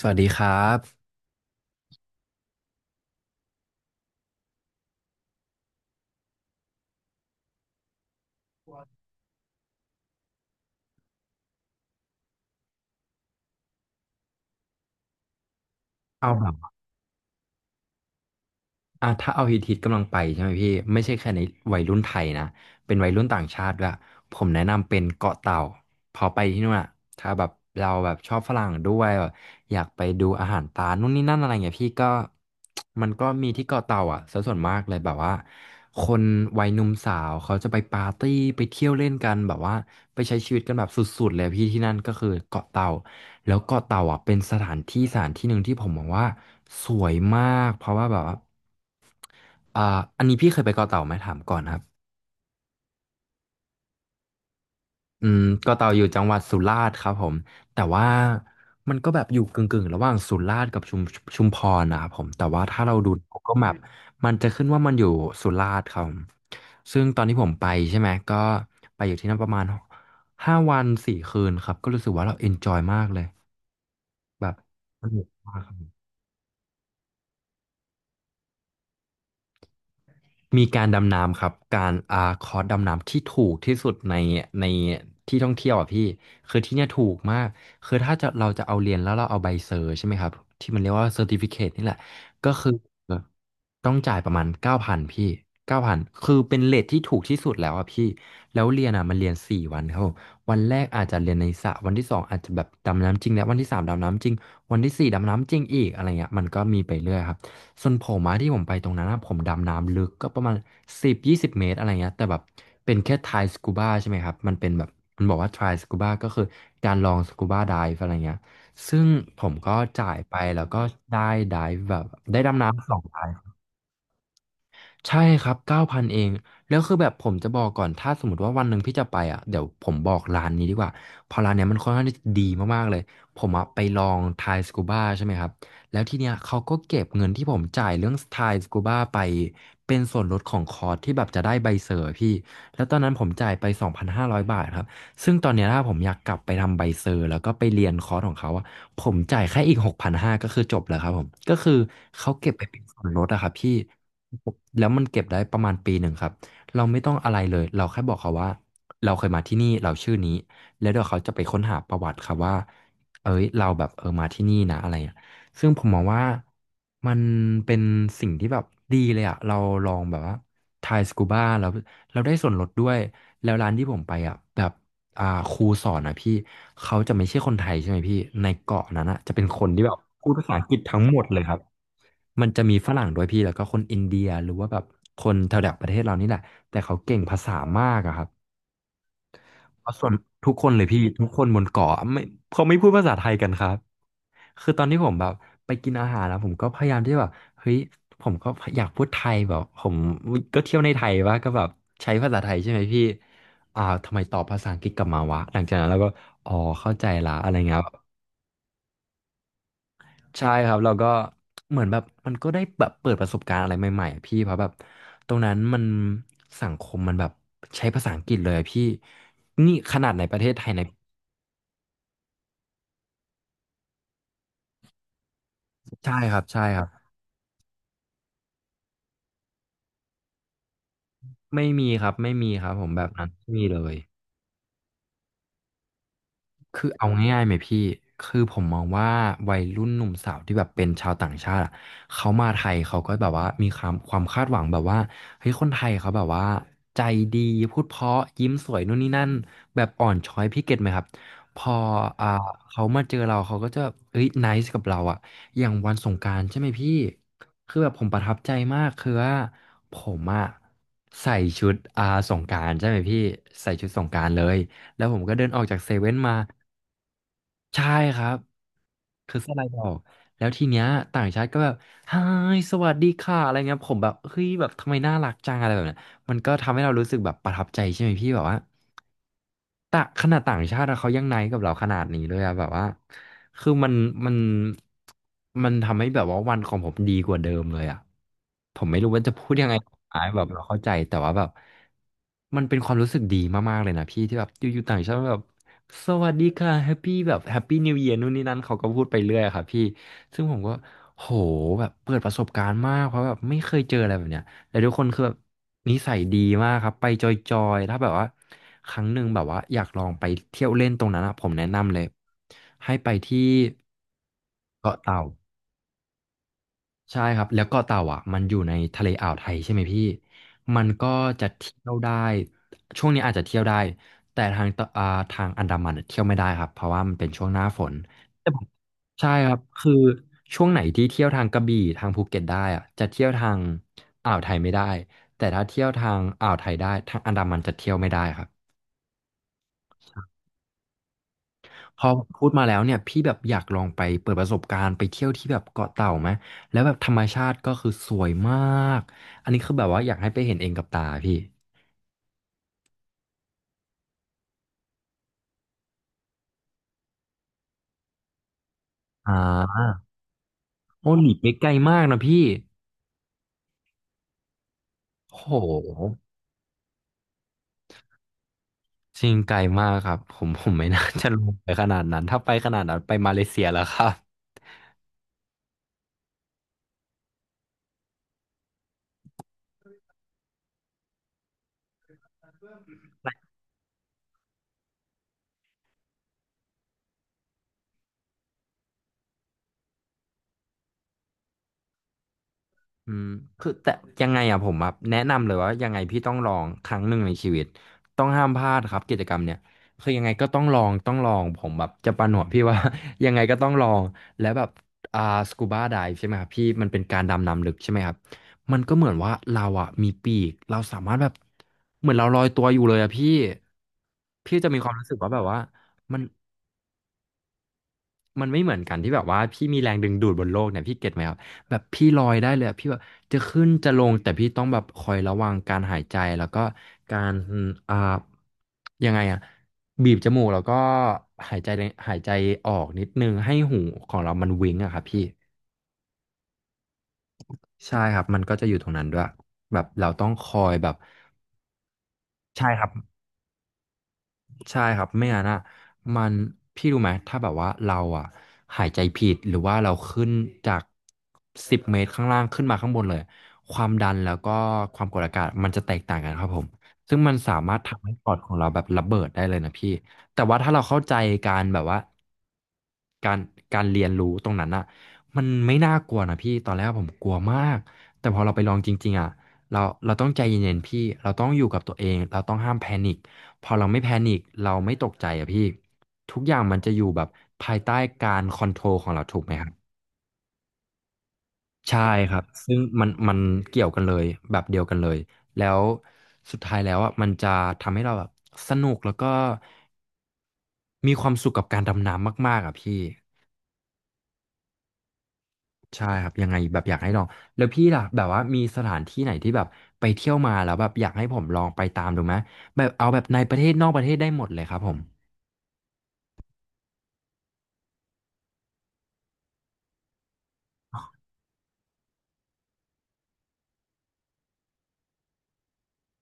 สวัสดีครับเอา อ่ะถ้าเอาฮิตฮิตกำลังไปใช่ไหมพี่ไม่ใช่แค่ในวัยรุ่นไทยนะเป็นวัยรุ่นต่างชาติด้วยผมแนะนำเป็นเกาะเต่าพอไปที่นู่นอ่ะถ้าแบบเราแบบชอบฝรั่งด้วยแบบอยากไปดูอาหารตานู่นนี่นั่นอะไรเงี้ยพี่ก็มันก็มีที่เกาะเต่าอ่ะซะส่วนมากเลยแบบว่าคนวัยหนุ่มสาวเขาจะไปปาร์ตี้ไปเที่ยวเล่นกันแบบว่าไปใช้ชีวิตกันแบบสุดๆเลยพี่ที่นั่นก็คือเกาะเต่าแล้วเกาะเต่าอ่ะเป็นสถานที่สถานที่หนึ่งที่ผมมองว่าสวยมากเพราะว่าแบบว่า อ่าอันนี้พี่เคยไปเกาะเต่าไหมถามก่อนครับอืมเกาะเต่าอยู่จังหวัดสุราษฎร์ครับผมแต่ว่ามันก็แบบอยู่กึ่งๆระหว่างสุราษฎร์กับชุมพรนะครับผมแต่ว่าถ้าเราดู Google Map มันจะขึ้นว่ามันอยู่สุราษฎร์ครับผมซึ่งตอนที่ผมไปใช่ไหมก็ไปอยู่ที่นั่นประมาณ5 วัน 4 คืนครับก็รู้สึกว่าเราเอนจอยมากเลยแบบสนุกมาก มีการดำน้ำครับการคอร์สดำน้ำที่ถูกที่สุดในที่ท่องเที่ยวอ่ะพี่คือที่เนี่ยถูกมากคือถ้าจะเราจะเอาเรียนแล้วเราเอาใบเซอร์ใช่ไหมครับที่มันเรียกว่าเซอร์ติฟิเคนี่แหละก็คือต้องจ่ายประมาณเก้าพันพี่เก้าพันคือเป็นเรทที่ถูกที่สุดแล้วอ่ะพี่แล้วเรียนอ่ะมันเรียน4 วันครับผมวันแรกอาจจะเรียนในสระวันที่สองอาจจะแบบดำน้ำจริงแล้ววันที่สามดำน้ำจริงวันที่สี่ดำน้ำจริงอีกอะไรเงี้ยมันก็มีไปเรื่อยครับ ส่วนผมอะที่ผมไปตรงนั้นอะผมดำน้ำลึกก็ประมาณ10-20 เมตรอะไรเงี้ยแต่แบบเป็นแค่ทายสกูบ้าใช่ไหมครับมันเป็นแบบมันบอกว่าทายสกูบ้าก็คือการลองสกูบ้า i ด e อะไรเงี้ยซึ่งผมก็จ่ายไปแล้วก็ได้ dive แบบได้ดำน้ำสองได ใช่ครับ9,000เอง แล้วคือแบบผมจะบอกก่อน ถ้าสมมติว่าวันหนึ่งพี่จะไปอ่ะเดี๋ยวผมบอกร้านนี้ดีกว่าเพอร้านเนี้ยมันค่อนข้างที่จะดีมากๆเลย ผมอ่ะไปลองทายสกูบ้าใช่ไหมครับ แล้วทีเนี้ยเขาก็เก็บเงินที่ผมจ่ายเรื่องทายสกูบ้าไปเป็นส่วนลดของคอร์สที่แบบจะได้ใบเซอร์พี่ แล้วตอนนั้นผมจ่ายไป 2,500 บาทครับ ซึ่งตอนเนี้ยถ้าผมอยากกลับไปทำใบเซอร์แล้วก็ไปเรียนคอร์สของเขาอะผมจ่ายแค่อีก6,500กพันห้าร้อยก็คือจบแล้วครับผมก็คือเขาเก็บไปเป็นส่วนลดอะครับพี่ แล้วมันเก็บได้ประมาณปีหนึ่งครับ เราไม่ต้องอะไรเลย เราแค่บอกเขาว่าเราเคยมาที่นี่เราชื่อนี้ แล้วเดี๋ยวเขาจะไปค้นหาประวัติครับว่าเอ้ยเราแบบเออมาที่นี่นะอะไรอย่างเงี้ยซึ่งผมมองว่ามันเป็นสิ่งที่แบบดีเลยอะเราลองแบบว่าทายสกูบ้าแล้วเราได้ส่วนลดด้วยแล้วร้านที่ผมไปอะแบบอ่าครูสอนนะพี่เขาจะไม่ใช่คนไทยใช่ไหมพี่ในเกาะนั้นอะจะเป็นคนที่แบบพูดภาษาอังกฤษทั้งหมดเลยครับ มันจะมีฝรั่งด้วยพี่แล้วก็คนอินเดียหรือว่าแบบคนแถวๆประเทศเรานี่แหละแต่เขาเก่งภาษามากอะครับเพราะส่วนทุกคนเลยพี่ทุกคนบนเกาะไม่เขาไม่พูดภาษาไทยกันครับคือตอนที่ผมแบบไปกินอาหารแล้วผมก็พยายามที่แบบเฮ้ยผมก็อยากพูดไทยแบบผมก็เที่ยวในไทยว่าก็แบบใช้ภาษาไทยใช่ไหมพี่ทำไมตอบภาษาอังกฤษกลับมาวะหลังจากนั้นเราก็อ๋อเข้าใจละอะไรเงี้ย ใช่ครับเราก็เหมือนแบบมันก็ได้แบบเปิดประสบการณ์อะไรใหม่ๆอะพี่เพราะแบบตรงนั้นมันสังคมมันแบบใช้ภาษาอังกฤษเลยอะพี่นี่ขนาดในประเทศไทยในใช่ครับใช่ครับไม่มีครับไม่มีครับผมแบบนั้นไม่มีเลย คือเอาง่ายๆไหมพี่ คือผมมองว่าวัยรุ่นหนุ่มสาวที่แบบเป็นชาวต่างชาติอะเขามาไทยเขาก็แบบว่ามีความคาดหวังแบบว่าเฮ้ยคนไทยเขาแบบว่าใจดีพูดเพราะยิ้มสวยนู่นนี่นั่นแบบอ่อนช้อยพี่เก็ตไหมครับพออ่าเขามาเจอเราเขาก็จะเอ้ยไนซ์กับเราอะอย่างวันสงกรานต์ใช่ไหมพี่คือแบบผมประทับใจมากคือว่าผมอะใส่ชุดสงกรานต์ใช่ไหมพี่ใส่ชุดสงกรานต์เลยแล้วผมก็เดินออกจากเซเว่นมา ใช่ครับคือเสื้อลายดอก แล้วทีเนี้ยต่างชาติก็แบบไฮายสวัสดีค่ะ อะไรเงี้ย ผมแบบ เฮ้ย แบบทำไมน่ารักจังอะไรแบบเนี้ยมันก็ทำให้เรารู้สึกแบบประทับใจใช่ไหมพี่ แบบว่า ต่างขนาดต่างชาติอะเขายังไนท์กับเราขนาดนี้เลยอะแบบว่าคือมันมันทำให้แบบว่าวันของผมดีกว่าเดิมเลยอะผมไม่รู้ว่าจะพูดยังไงอายแบบเราเข้าใจแต่ว่าแบบมันเป็นความรู้สึกดีมากๆเลยนะพี่ที่แบบอยู่ๆต่างชาติแบบสวัสดีค่ะแฮปปี้แบบแฮปปี้นิวเย r นู่นนี่นั่นเขาก็พูดไปเรื่อยอะครับพี่ซึ่งผมก็โหแบบเปิดประสบการณ์มากเพราะแบบไม่เคยเจออะไรแบบเนี้ย แต่ทุกคนคือแบบนิสัยดีมากครับไปจอยๆถ้าแบบว่าครั้งหนึ่งแบบว่าอยากลองไปเที่ยวเล่นตรงนั้นอะผมแนะนำเลยให้ไปที่เกาะเต่าใช่ครับแล้วเกาะเต่าอ่ะมันอยู่ในทะเลอ่าวไทยใช่ไหมพี่มันก็จะเที่ยวได้ช่วงนี้อาจจะเที่ยวได้แต่ทางอันดามันอะเที่ยวไม่ได้ครับเพราะว่ามันเป็นช่วงหน้าฝน ใช่ครับคือช่วงไหนที่เที่ยวทางกระบี่ทางภูเก็ตได้อะจะเที่ยวทางอ่าวไทยไม่ได้แต่ถ้าเที่ยวทางอ่าวไทยได้ทางอันดามันจะเที่ยวไม่ได้ครับพอพูดมาแล้วเนี่ยพี่แบบอยากลองไปเปิดประสบการณ์ไปเที่ยวที่แบบเกาะเต่าไหมแล้วแบบธรรมชาติก็คือสวยมากอันนี้คือแบบว่าอยากให้ไปเห็นเองกับตาพี่อ่าโอ้หนีไปไกลมากนะพี่โหจริงไกลมากครับผมผมไม่น่าจะลงไปขนาดนั้นถ้าไปขนาดนั้นไปมาเลเซียแล้วครับ อืมคือแต่ยังไงอะผมแบบแนะนำเลยว่ายังไงพี่ต้องลองครั้งหนึ่งในชีวิตต้องห้ามพลาดครับกิจกรรมเนี่ยคือยังไงก็ต้องลองผมแบบจะประหนวดพี่ว่า ยังไงก็ต้องลองแล้วแบบอ่าสกูบาไดฟ์ใช่ไหมครับพี่มันเป็นการดำน้ำลึกใช่ไหมครับมันก็เหมือนว่าเราอะมีปีกเราสามารถแบบเหมือนเราลอยตัวอยู่เลยอะพี่พี่จะมีความรู้สึกว่าแบบว่ามัน มันไม่เหมือนกันที่แบบว่าพี่มีแรงดึงดูดบนโลกเนี่ยพี่เก็ตไหมครับแบบพี่ลอยได้เลยอะพี่แบบจะขึ้นจะลงแต่พี่ต้องแบบคอยระวังการหายใจแล้วก็การอ่ายังไงอะบีบจมูกแล้วก็หายใจหายใจออกนิดนึงให้หูของเรามันวิงอะครับพี่ใช่ครับมันก็จะอยู่ตรงนั้นด้วยแบบเราต้องคอยแบบใช่ครับ ใช่ครับไม่งั้นอ่ะมันพี่รู้ไหมถ้าแบบว่าเราอ่ะหายใจผิดหรือว่าเราขึ้นจาก10 เมตรข้างล่างขึ้นมาข้างบนเลยความดันแล้วก็ความกดอากาศมันจะแตกต่างกันครับผมซึ่งมันสามารถทำให้ปอดของเราแบบระเบิดได้เลยนะพี่แต่ว่าถ้าเราเข้าใจการแบบว่าการการเรียนรู้ตรงนั้นอ่ะมันไม่น่ากลัวนะพี่ตอนแรกผมกลัวมากแต่พอเราไปลองจริงๆอ่ะเราเราต้องใจเย็นๆพี่เราต้องอยู่กับตัวเองเราต้องห้ามแพนิค พอเราไม่แพนิคเราไม่ตกใจอะพี่ทุกอย่างมันจะอยู่แบบภายใต้การคอนโทรลของเราถูกไหมครับใช่ครับซึ่งมันเกี่ยวกันเลยแบบเดียวกันเลยแล้วสุดท้ายแล้วอ่ะมันจะทำให้เราแบบสนุกแล้วก็มีความสุขกับการดำน้ำมากๆอ่ะพี่ใช่ครับยังไงแบบอยากให้ลองแล้วพี่ล่ะแบบว่ามีสถานที่ไหนที่แบบไปเที่ยวมาแล้วแบบอยากให้ผมลองไปตามดูไหมแบบเอาแบบในประเทศนอกประเทศได้หมดเลยครับผม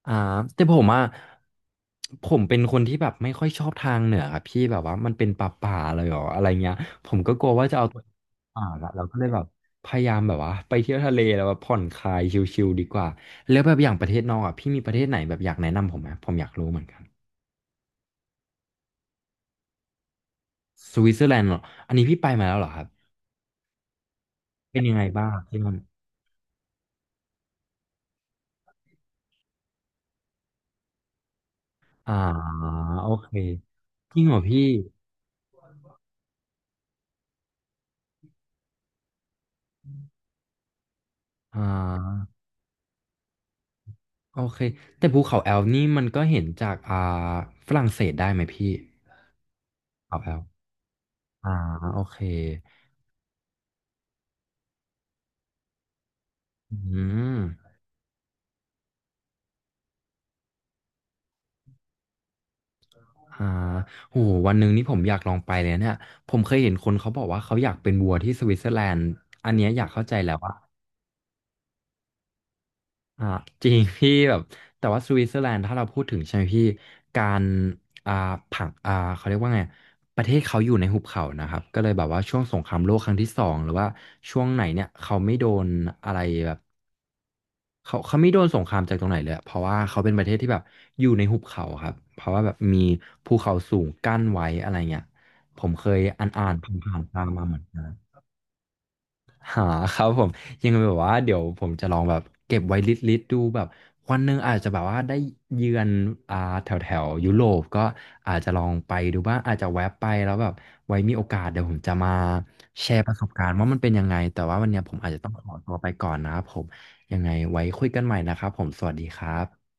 อ่าแต่ผมอ่ะผมเป็นคนที่แบบไม่ค่อยชอบทางเหนือครับพี่แบบว่ามันเป็นป่าเลยเหรออะไรเงี้ยผมก็กลัวว่าจะเอาตัวป่าละเราก็เลยแบบพยายามแบบว่าไปเที่ยวทะเลแล้วแบบผ่อนคลายชิลๆดีกว่าแล้วแบบอย่างประเทศนอกอ่ะพี่มีประเทศไหนแบบอยากแนะนำผมไหมผมอยากรู้เหมือนกันสวิตเซอร์แลนด์เหรออันนี้พี่ไปมาแล้วเหรอครับเป็นยังไงบ้างที่นั่นอ่าโอเคจริงเหรอพี่อ่าโอเคแต่ภูเขาแอลป์นี่มันก็เห็นจากฝรั่งเศสได้ไหมพี่ ออกแล้วอ่าโอเคอืมอ่าโหวันหนึ่งนี่ผมอยากลองไปเลยเนี่ยผมเคยเห็นคนเขาบอกว่าเขาอยากเป็นวัวที่สวิตเซอร์แลนด์อันเนี้ยอยากเข้าใจแล้วว่าอ่าจริงพี่แบบ แต่ว่าสวิตเซอร์แลนด์ถ้าเราพูดถึงใช่ไหมพี่การอ่าผังเขาเรียกว่าไง ประเทศเขาอยู่ในหุบเขานะครับ ก็เลยแบบว่าช่วงสงครามโลกครั้งที่สองหรือว่าช่วงไหนเนี่ยเขาไม่โดนอะไรแบบ เขาไม่โดนสงครามจากตรงไหนเลยอะเพราะว่าเขาเป็นประเทศที่แบบอยู่ในหุบเขาครับเพราะว่าแบบมีภูเขาสูงกั้นไว้อะไรเงี้ยผมเคยอ่านผ่านๆตามมาเหมือนกัน หาครับผมยังแบบว่าเดี๋ยวผมจะลองแบบเก็บไว้ลิสต์ดูแบบวันหนึ่งอาจจะแบบว่าได้เยือนอ่าแถวแถวยุโรปก็อาจจะลองไปดูบ้างอาจจะแวะไปแล้วแบบไว้มีโอกาสเดี๋ยวผมจะมาแชร์ประสบการณ์ว่ามันเป็นยังไงแต่ว่าวันเนี้ยผมอาจจะต้องขอตัวไปก่อนนะครับผมยังไงไว้คุยกันใหม่นะครับผมสวัสดีครับ